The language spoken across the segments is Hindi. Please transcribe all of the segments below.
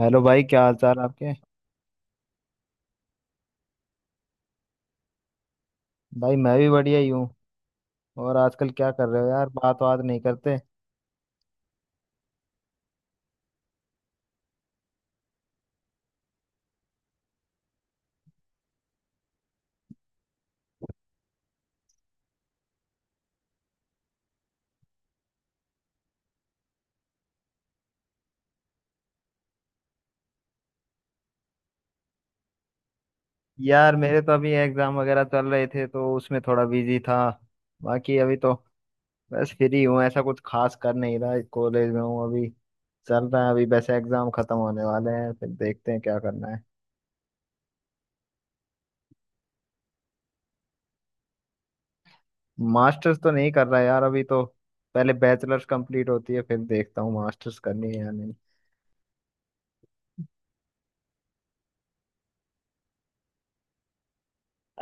हेलो भाई, क्या हाल चाल आपके। भाई मैं भी बढ़िया ही हूँ। और आजकल क्या कर रहे हो यार, बात बात नहीं करते। यार मेरे तो अभी एग्जाम वगैरह चल रहे थे तो उसमें थोड़ा बिजी था। बाकी अभी तो बस फ्री हूँ, ऐसा कुछ खास कर नहीं रहा, कॉलेज में हूँ अभी। चल रहा है अभी, वैसे एग्जाम खत्म होने वाले हैं फिर देखते हैं क्या करना है। मास्टर्स तो नहीं कर रहा यार अभी तो, पहले बैचलर्स कंप्लीट होती है फिर देखता हूँ मास्टर्स करनी है या नहीं।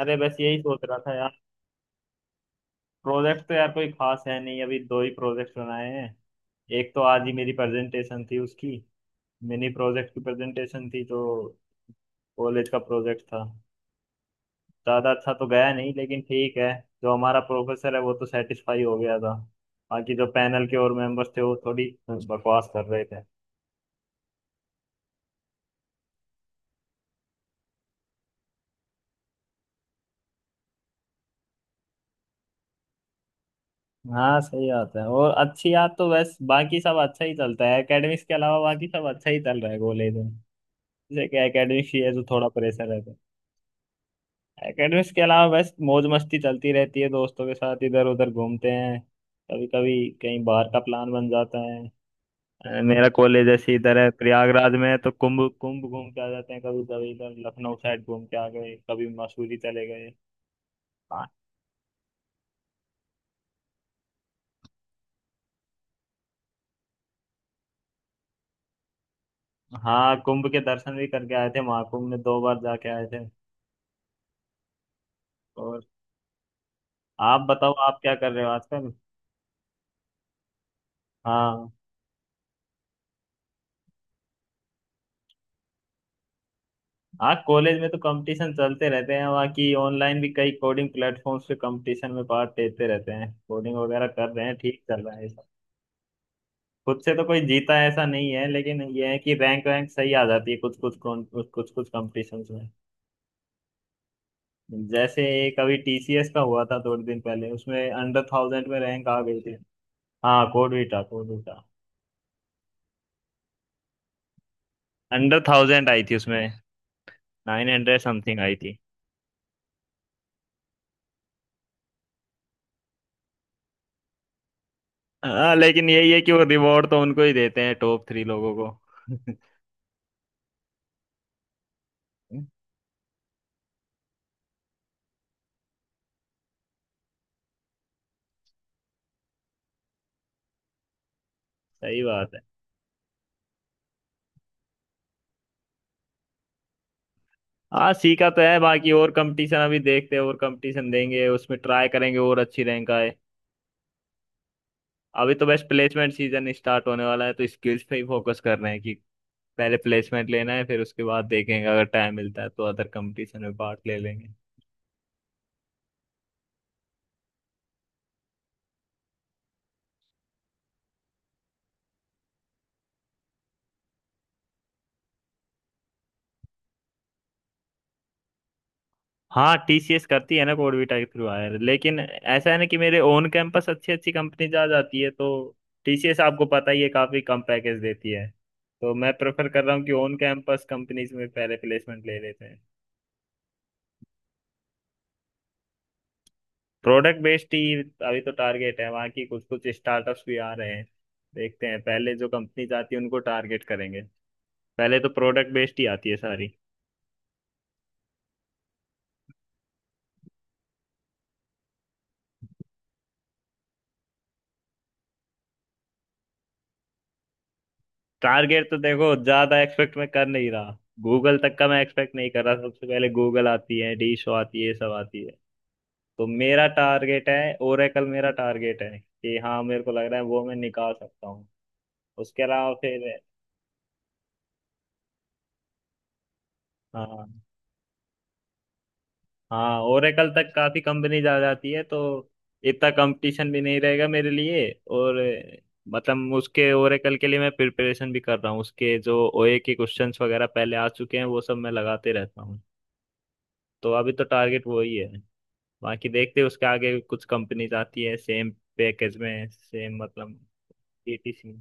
अरे बस यही सोच रहा था। प्रोजेक्ट तो यार कोई खास है नहीं, अभी दो ही प्रोजेक्ट बनाए हैं। एक तो आज ही मेरी प्रेजेंटेशन थी उसकी, मिनी प्रोजेक्ट की प्रेजेंटेशन थी, तो कॉलेज का प्रोजेक्ट था। ज़्यादा अच्छा तो गया नहीं लेकिन ठीक है। जो हमारा प्रोफेसर है वो तो सेटिस्फाई हो गया था, बाकी जो पैनल के और मेंबर्स थे वो थोड़ी बकवास कर रहे थे। हाँ सही बात है, और अच्छी याद तो बस बाकी सब अच्छा ही चलता है, एकेडमिक्स के अलावा बाकी सब अच्छा ही चल रहा है कॉलेज में। जैसे कि एकेडमिक्स ही है जो थोड़ा प्रेशर है। एकेडमिक्स के अलावा बस मौज मस्ती चलती रहती है, दोस्तों के साथ इधर उधर घूमते हैं। कभी कभी कहीं बाहर का प्लान बन जाता है। मेरा कॉलेज ऐसे इधर है, प्रयागराज में है, तो कुंभ कुंभ घूम के आ जाते हैं, कभी कभी इधर लखनऊ साइड घूम के आ गए, कभी मसूरी चले गए। हाँ। हाँ, कुंभ के दर्शन भी करके आए थे, महाकुंभ में दो बार जाके आए थे। और आप बताओ आप क्या कर रहे हो आजकल। हाँ। हाँ कॉलेज में तो कंपटीशन चलते रहते हैं वहाँ की, ऑनलाइन भी कई कोडिंग प्लेटफॉर्म्स पे कंपटीशन में पार्ट लेते रहते हैं, कोडिंग वगैरह कर रहे हैं, ठीक चल रहा है सब। खुद से तो कोई जीता ऐसा नहीं है, लेकिन ये है कि रैंक वैंक सही आ जाती है कुछ कुछ कौन- कुछ कुछ कुछ कंपटीशन में। जैसे एक अभी टीसीएस का हुआ था थोड़े दिन पहले, उसमें अंडर 1000 में रैंक आ गई थी। हाँ, कोड भी था। अंडर थाउजेंड आई थी उसमें, 900 समथिंग आई थी। हाँ लेकिन यही है कि वो रिवॉर्ड तो उनको ही देते हैं टॉप 3 लोगों को। सही बात है। हाँ सीखा तो है, बाकी और कंपटीशन अभी देखते हैं, और कंपटीशन देंगे उसमें ट्राई करेंगे और अच्छी रैंक आए। अभी तो बस प्लेसमेंट सीजन स्टार्ट होने वाला है, तो स्किल्स पे ही फोकस कर रहे हैं कि पहले प्लेसमेंट लेना है, फिर उसके बाद देखेंगे, अगर टाइम मिलता है तो अदर कंपटीशन में पार्ट ले लेंगे। हाँ टीसीएस करती है ना कोडविटा के थ्रू हायर, लेकिन ऐसा है ना कि मेरे ओन कैंपस अच्छी अच्छी कंपनी जा जाती है, तो टीसीएस आपको पता ही है काफी कम पैकेज देती है, तो मैं प्रेफर कर रहा हूँ कि ओन कैंपस कंपनीज में पहले प्लेसमेंट ले लेते हैं। प्रोडक्ट बेस्ड ही अभी तो टारगेट है, वहाँ की कुछ कुछ स्टार्टअप्स भी आ रहे हैं, देखते हैं पहले जो कंपनीज आती है उनको टारगेट करेंगे, पहले तो प्रोडक्ट बेस्ड ही आती है सारी। टारगेट तो देखो ज्यादा एक्सपेक्ट मैं कर नहीं रहा, गूगल तक का मैं एक्सपेक्ट नहीं कर रहा, सबसे पहले गूगल आती है, डीशो आती है, ये सब आती है। तो मेरा टारगेट है ओरेकल, मेरा टारगेट है कि हाँ मेरे को लग रहा है वो मैं निकाल सकता हूँ, उसके अलावा फिर। हाँ। हाँ ओरेकल तक काफी कंपनीज आ जाती है तो इतना कंपटीशन भी नहीं रहेगा मेरे लिए। और मतलब उसके ओरेकल के लिए मैं प्रिपरेशन भी कर रहा हूँ, उसके जो ओए के क्वेश्चंस वगैरह पहले आ चुके हैं वो सब मैं लगाते रहता हूँ। तो अभी तो टारगेट वही है, बाकी देखते हैं उसके आगे कुछ कंपनीज आती है सेम पैकेज में सेम मतलब। एटीसी।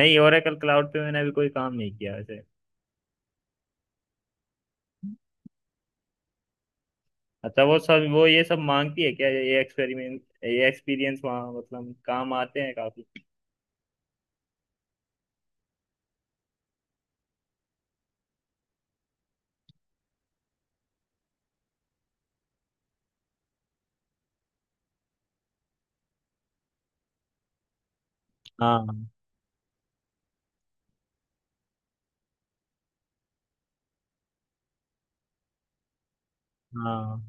नहीं ओरेकल क्लाउड पे मैंने अभी कोई काम नहीं किया वैसे। अच्छा वो सब, वो ये सब मांगती है क्या, ये एक्सपेरिमेंट ये एक्सपीरियंस वहाँ मतलब काम आते हैं काफी। हाँ। हाँ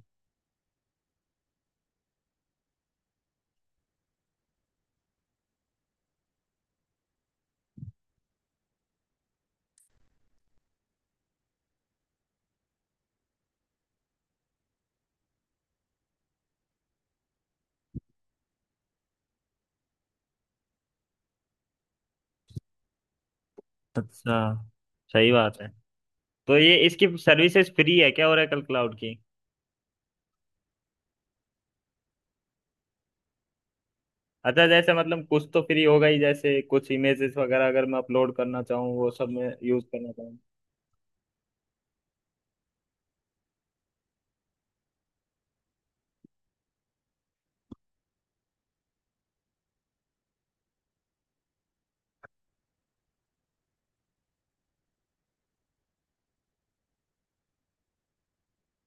अच्छा, सही बात है, तो ये इसकी सर्विसेज फ्री है क्या ओरेकल क्लाउड की। अच्छा जैसे मतलब कुछ तो फ्री होगा ही, जैसे कुछ इमेजेस वगैरह अगर मैं अपलोड करना चाहूँ वो सब मैं यूज करना चाहूँ।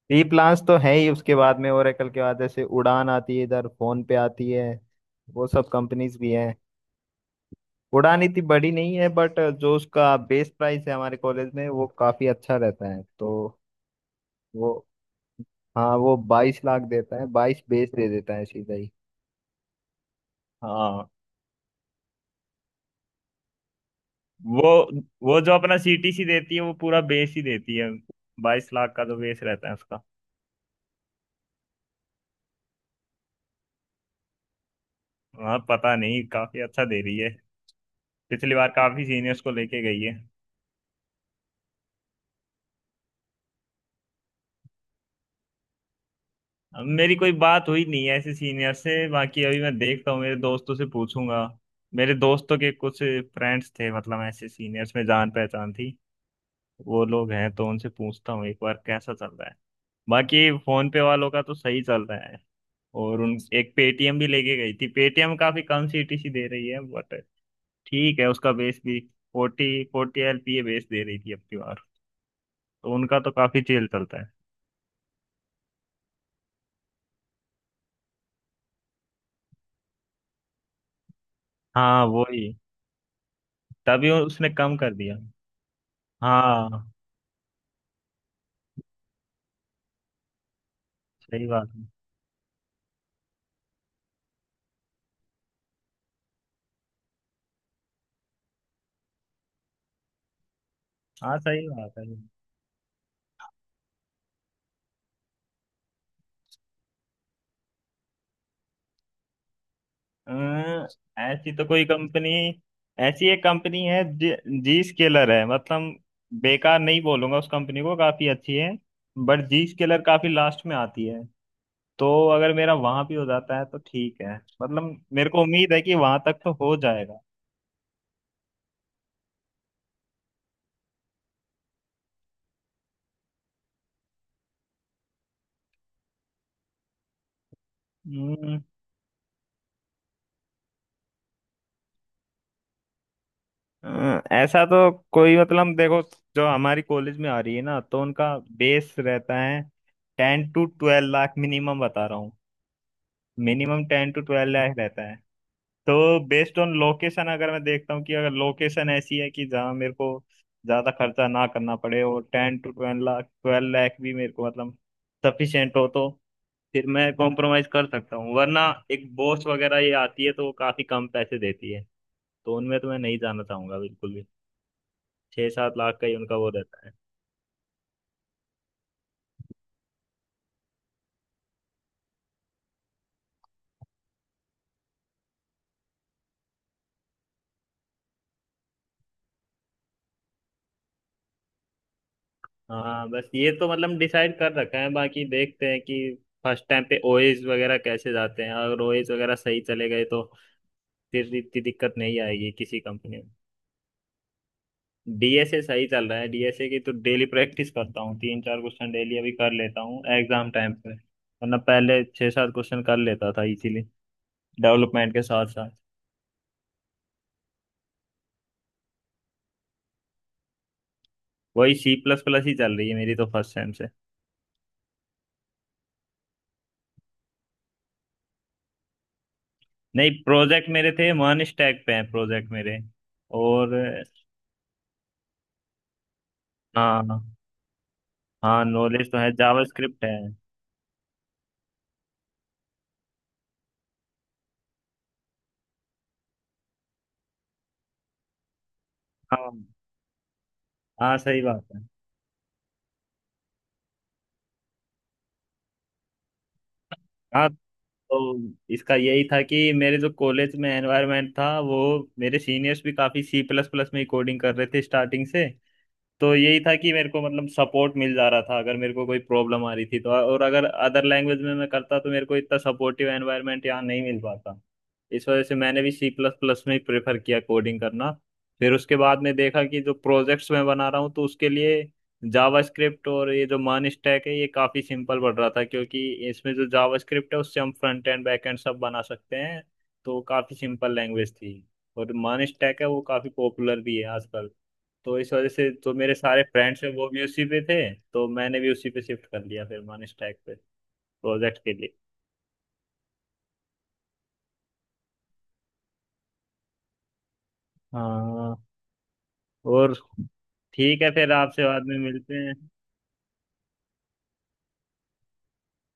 फ्री प्लान्स तो है ही, उसके बाद में ओरेकल के बाद जैसे उड़ान आती है, इधर फोन पे आती है, वो सब कंपनीज भी हैं। उड़ान इतनी बड़ी नहीं है बट जो उसका बेस प्राइस है हमारे कॉलेज में वो काफी अच्छा रहता है तो। वो हाँ, वो 22 लाख देता है, बाईस बेस दे देता है सीधा ही। हाँ। वो वो जो अपना सीटीसी देती है वो पूरा बेस ही देती है, 22 लाख का जो बेस रहता है उसका। हाँ पता नहीं काफी अच्छा दे रही है, पिछली बार काफी सीनियर्स को लेके गई है। अब मेरी कोई बात हुई नहीं है ऐसे सीनियर से, बाकी अभी मैं देखता हूँ मेरे दोस्तों से पूछूंगा, मेरे दोस्तों के कुछ फ्रेंड्स थे मतलब ऐसे सीनियर्स में, जान पहचान थी, वो लोग हैं तो उनसे पूछता हूँ एक बार कैसा चल रहा है। बाकी फोन पे वालों का तो सही चल रहा है। और उन एक पेटीएम भी लेके गई थी, पेटीएम काफी कम सीटीसी दे रही है, बट ठीक है उसका बेस भी फोर्टी फोर्टी एलपीए बेस दे रही थी अब की बार, तो उनका तो काफी चेल चलता है। हाँ वही, तभी उसने कम कर दिया। हाँ सही बात है। हाँ सही बात है। अं, ऐसी तो कोई कंपनी, ऐसी एक कंपनी है जी, स्केलर है, मतलब बेकार नहीं बोलूंगा उस कंपनी को, काफी अच्छी है, बट जी स्केलर काफी लास्ट में आती है, तो अगर मेरा वहां भी हो जाता है तो ठीक है, मतलब मेरे को उम्मीद है कि वहां तक तो हो जाएगा। हम्म। ऐसा तो कोई मतलब, देखो जो हमारी कॉलेज में आ रही है ना तो उनका बेस रहता है 10-12 लाख, मिनिमम बता रहा हूँ, मिनिमम 10-12 लाख रहता है। तो बेस्ड ऑन लोकेशन अगर मैं देखता हूँ कि अगर लोकेशन ऐसी है कि जहाँ मेरे को ज्यादा खर्चा ना करना पड़े, और 10-12 लाख, 12 लाख भी मेरे को मतलब सफिशियंट हो, तो फिर मैं कॉम्प्रोमाइज कर सकता हूँ, वरना एक बॉस वगैरह ये आती है तो वो काफी कम पैसे देती है, तो उनमें तो मैं नहीं जाना चाहूंगा बिल्कुल भी, 6-7 लाख का ही उनका वो रहता है। हाँ बस ये तो मतलब डिसाइड कर रखा है, बाकी देखते हैं कि फर्स्ट टाइम पे ओएस वगैरह कैसे जाते हैं, अगर ओएस वगैरह सही चले गए तो फिर इतनी दिक्कत नहीं आएगी किसी कंपनी में। डीएसए सही चल रहा है, डीएसए की तो डेली प्रैक्टिस करता हूँ, तीन चार क्वेश्चन डेली अभी कर लेता हूँ एग्जाम टाइम पे, वरना पहले छः सात क्वेश्चन कर लेता था, इसीलिए डेवलपमेंट के साथ साथ। वही सी प्लस प्लस ही चल रही है मेरी तो फर्स्ट सेम से। नहीं प्रोजेक्ट मेरे थे वन स्टैक पे हैं, प्रोजेक्ट मेरे और। हाँ। हाँ नॉलेज तो है, जावास्क्रिप्ट है। हाँ। हाँ सही बात है। हाँ तो इसका यही था कि मेरे जो कॉलेज में एनवायरनमेंट था वो, मेरे सीनियर्स भी काफ़ी सी प्लस प्लस में ही कोडिंग कर रहे थे स्टार्टिंग से, तो यही था कि मेरे को मतलब सपोर्ट मिल जा रहा था अगर मेरे को कोई प्रॉब्लम आ रही थी तो, और अगर अदर लैंग्वेज में मैं करता तो मेरे को इतना सपोर्टिव एनवायरनमेंट यहाँ नहीं मिल पाता। इस वजह से मैंने भी सी प्लस प्लस में ही प्रेफर किया कोडिंग करना। फिर उसके बाद में देखा कि जो प्रोजेक्ट्स मैं बना रहा हूँ तो उसके लिए जावास्क्रिप्ट, और ये जो मान स्टैक है ये काफ़ी सिंपल पड़ रहा था, क्योंकि इसमें जो जावास्क्रिप्ट है उससे हम फ्रंट एंड बैक एंड सब बना सकते हैं, तो काफ़ी सिंपल लैंग्वेज थी। और मान स्टैक है वो काफ़ी पॉपुलर भी है आजकल, तो इस वजह से तो मेरे सारे फ्रेंड्स हैं वो भी उसी पे थे, तो मैंने भी उसी पे शिफ्ट कर लिया फिर, मान स्टैक पे प्रोजेक्ट के लिए। हाँ। और ठीक है फिर आपसे बाद में मिलते हैं।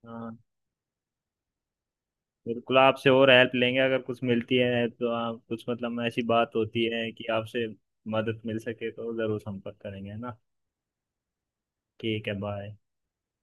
हाँ बिल्कुल आपसे और हेल्प लेंगे, अगर कुछ मिलती है तो आप कुछ मतलब ऐसी बात होती है कि आपसे मदद मिल सके तो ज़रूर संपर्क करेंगे, है ना। ठीक है बाय।